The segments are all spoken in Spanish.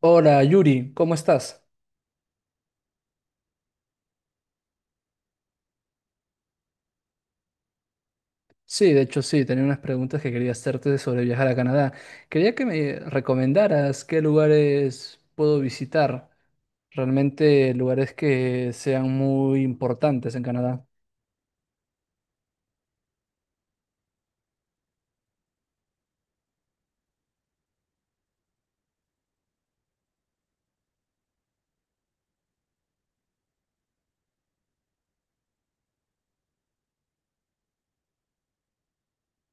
Hola Yuri, ¿cómo estás? Sí, de hecho sí, tenía unas preguntas que quería hacerte sobre viajar a Canadá. Quería que me recomendaras qué lugares puedo visitar, realmente lugares que sean muy importantes en Canadá.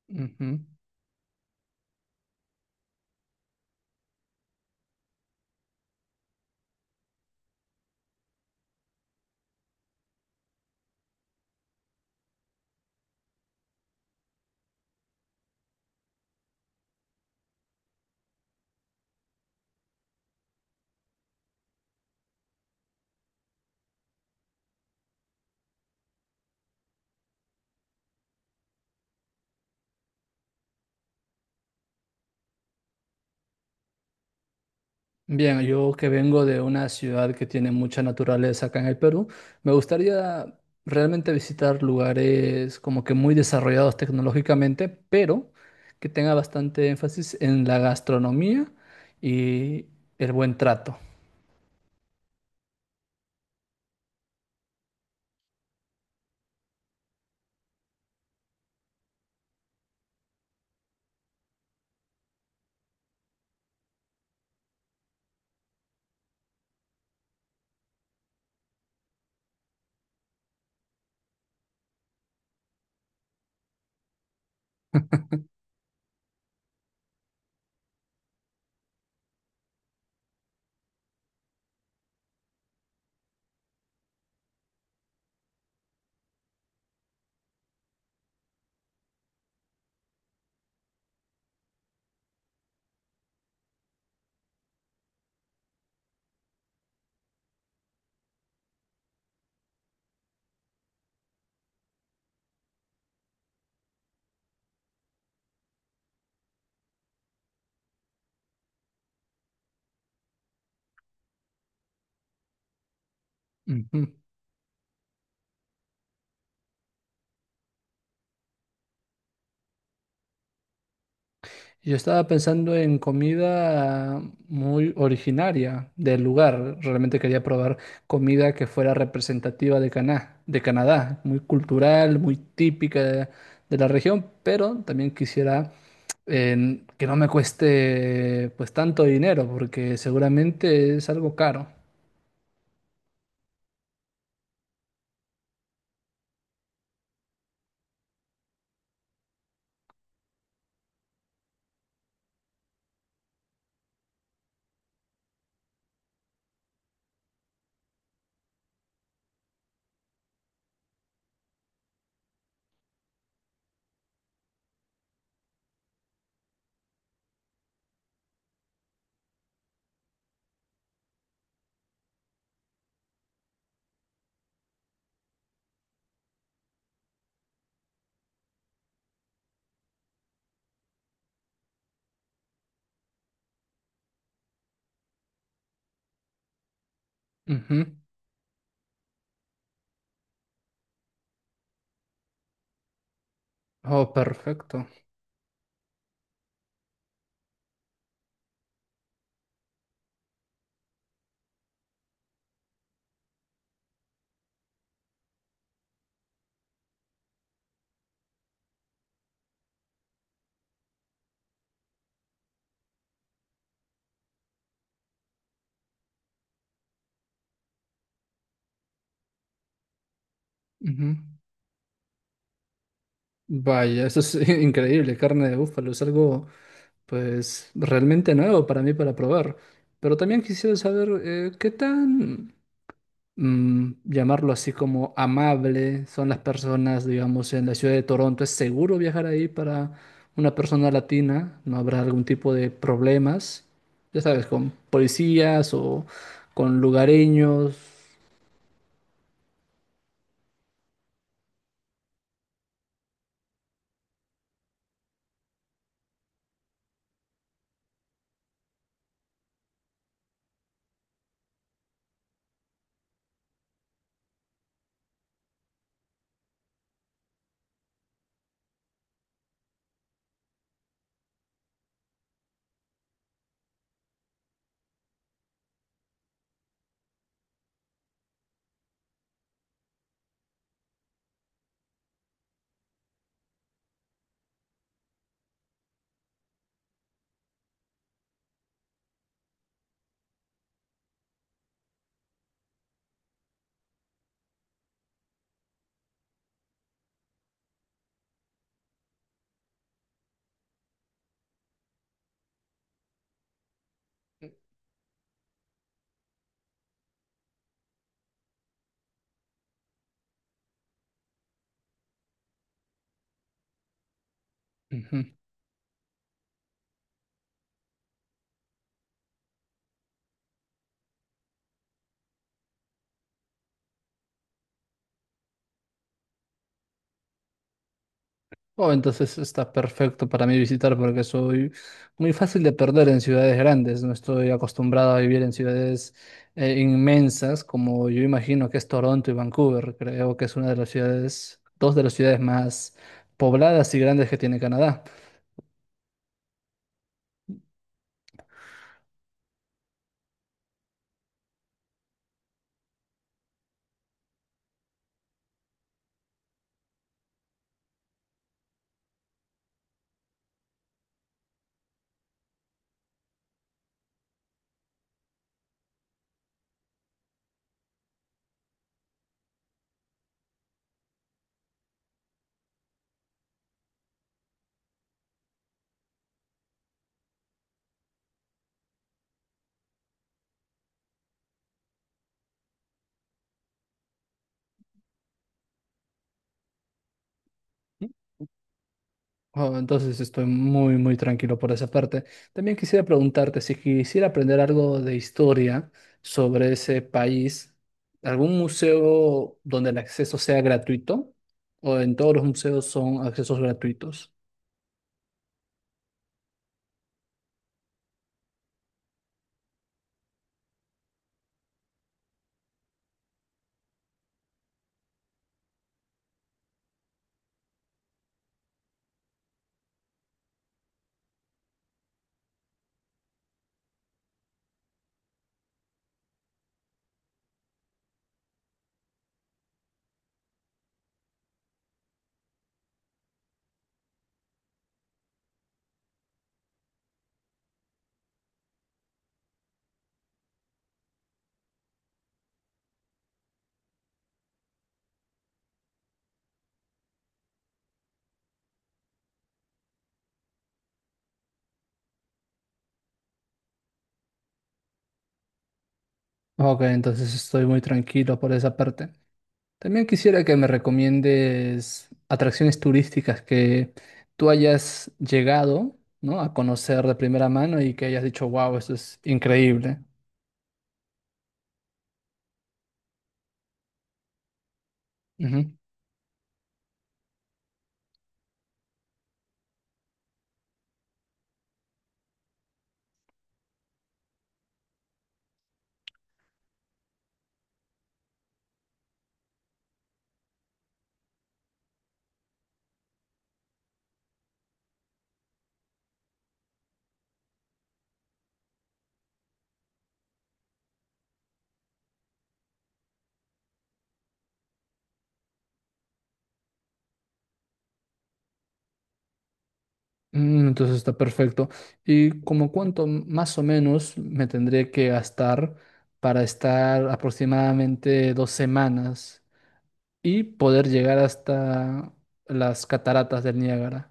Ujú. Bien, yo que vengo de una ciudad que tiene mucha naturaleza acá en el Perú, me gustaría realmente visitar lugares como que muy desarrollados tecnológicamente, pero que tenga bastante énfasis en la gastronomía y el buen trato. Ujú. Yo estaba pensando en comida muy originaria del lugar. Realmente quería probar comida que fuera representativa de de Canadá, muy cultural, muy típica de la región, pero también quisiera que no me cueste pues tanto dinero, porque seguramente es algo caro. Ujú. Oh, perfecto. Ujú. Vaya, eso es increíble. Carne de búfalo es algo pues realmente nuevo para mí para probar. Pero también quisiera saber qué tan, llamarlo así como amable son las personas, digamos, en la ciudad de Toronto. ¿Es seguro viajar ahí para una persona latina? ¿No habrá algún tipo de problemas? Ya sabes, con policías o con lugareños. Ujú. Oh, entonces está perfecto para mí visitar porque soy muy fácil de perder en ciudades grandes. No estoy acostumbrado a vivir en ciudades inmensas como yo imagino que es Toronto y Vancouver. Creo que es una de las ciudades, dos de las ciudades más pobladas y grandes que tiene Canadá. Oh, entonces estoy muy, muy tranquilo por esa parte. También quisiera preguntarte si quisiera aprender algo de historia sobre ese país, ¿algún museo donde el acceso sea gratuito? ¿O en todos los museos son accesos gratuitos? Ok, entonces estoy muy tranquilo por esa parte. También quisiera que me recomiendes atracciones turísticas que tú hayas llegado, ¿no?, a conocer de primera mano y que hayas dicho, wow, esto es increíble. Ujú. Mm, entonces está perfecto. ¿Y como cuánto más o menos me tendré que gastar para estar aproximadamente 2 semanas y poder llegar hasta las cataratas del Niágara?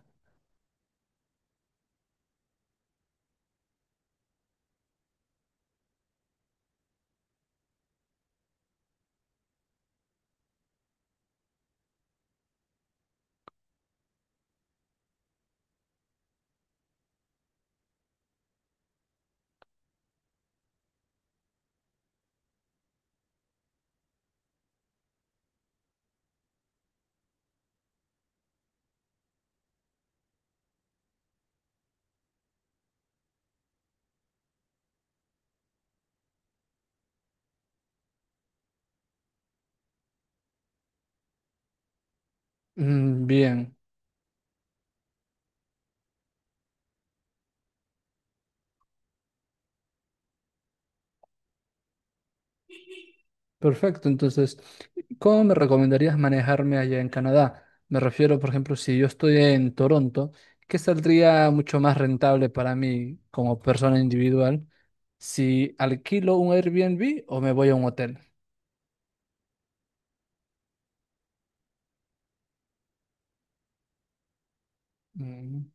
Mm, bien, perfecto. Entonces, ¿cómo me recomendarías manejarme allá en Canadá? Me refiero, por ejemplo, si yo estoy en Toronto, ¿qué saldría mucho más rentable para mí como persona individual? ¿Si alquilo un Airbnb o me voy a un hotel? Mm.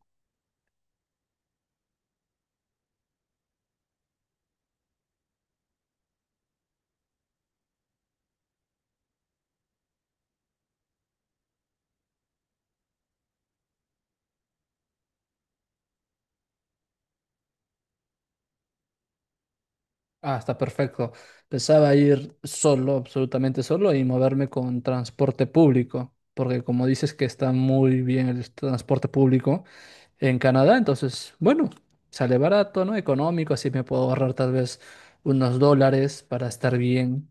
Ah, está perfecto. Pensaba ir solo, absolutamente solo, y moverme con transporte público, porque como dices que está muy bien el transporte público en Canadá. Entonces, bueno, sale barato, ¿no? Económico, así me puedo ahorrar tal vez unos dólares para estar bien.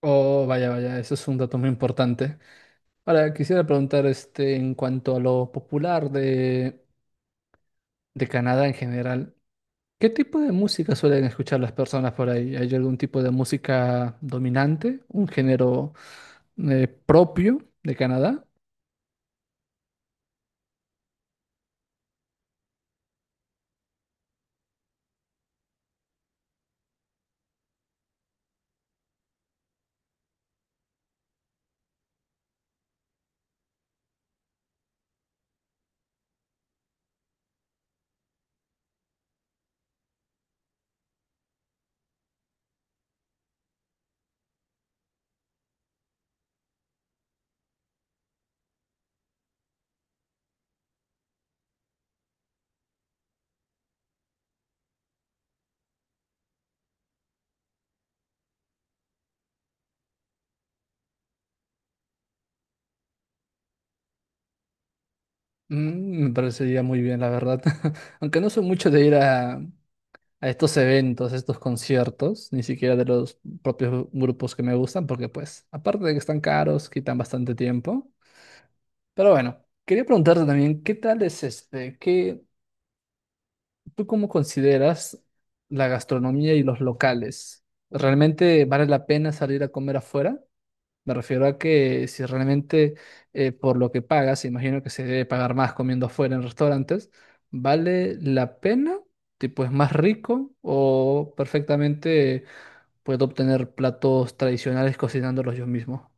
Oh, vaya, vaya, eso es un dato muy importante. Ahora, quisiera preguntar, este, en cuanto a lo popular de Canadá en general, ¿qué tipo de música suelen escuchar las personas por ahí? ¿Hay algún tipo de música dominante? ¿Un género propio de Canadá? Mm, me parecería muy bien, la verdad. Aunque no soy mucho de ir a estos eventos, a estos conciertos, ni siquiera de los propios grupos que me gustan, porque pues, aparte de que están caros, quitan bastante tiempo. Pero bueno, quería preguntarte también, ¿qué tal es este? ¿Qué, tú cómo consideras la gastronomía y los locales? ¿Realmente vale la pena salir a comer afuera? Me refiero a que si realmente por lo que pagas, imagino que se debe pagar más comiendo afuera en restaurantes, ¿vale la pena? Tipo, ¿es más rico o perfectamente puedo obtener platos tradicionales cocinándolos yo mismo?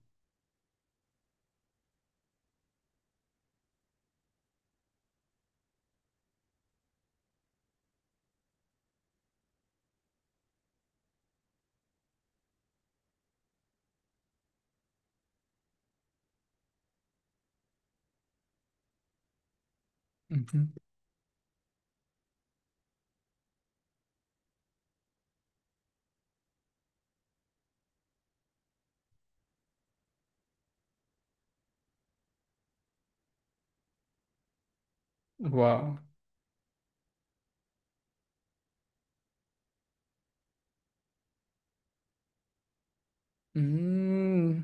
Wow. Mm.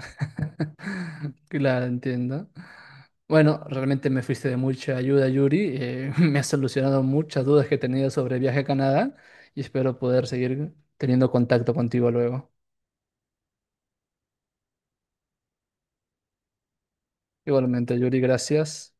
Claro, entiendo. Bueno, realmente me fuiste de mucha ayuda, Yuri. Me has solucionado muchas dudas que tenía sobre el viaje a Canadá y espero poder seguir teniendo contacto contigo luego. Igualmente, Yuri, gracias.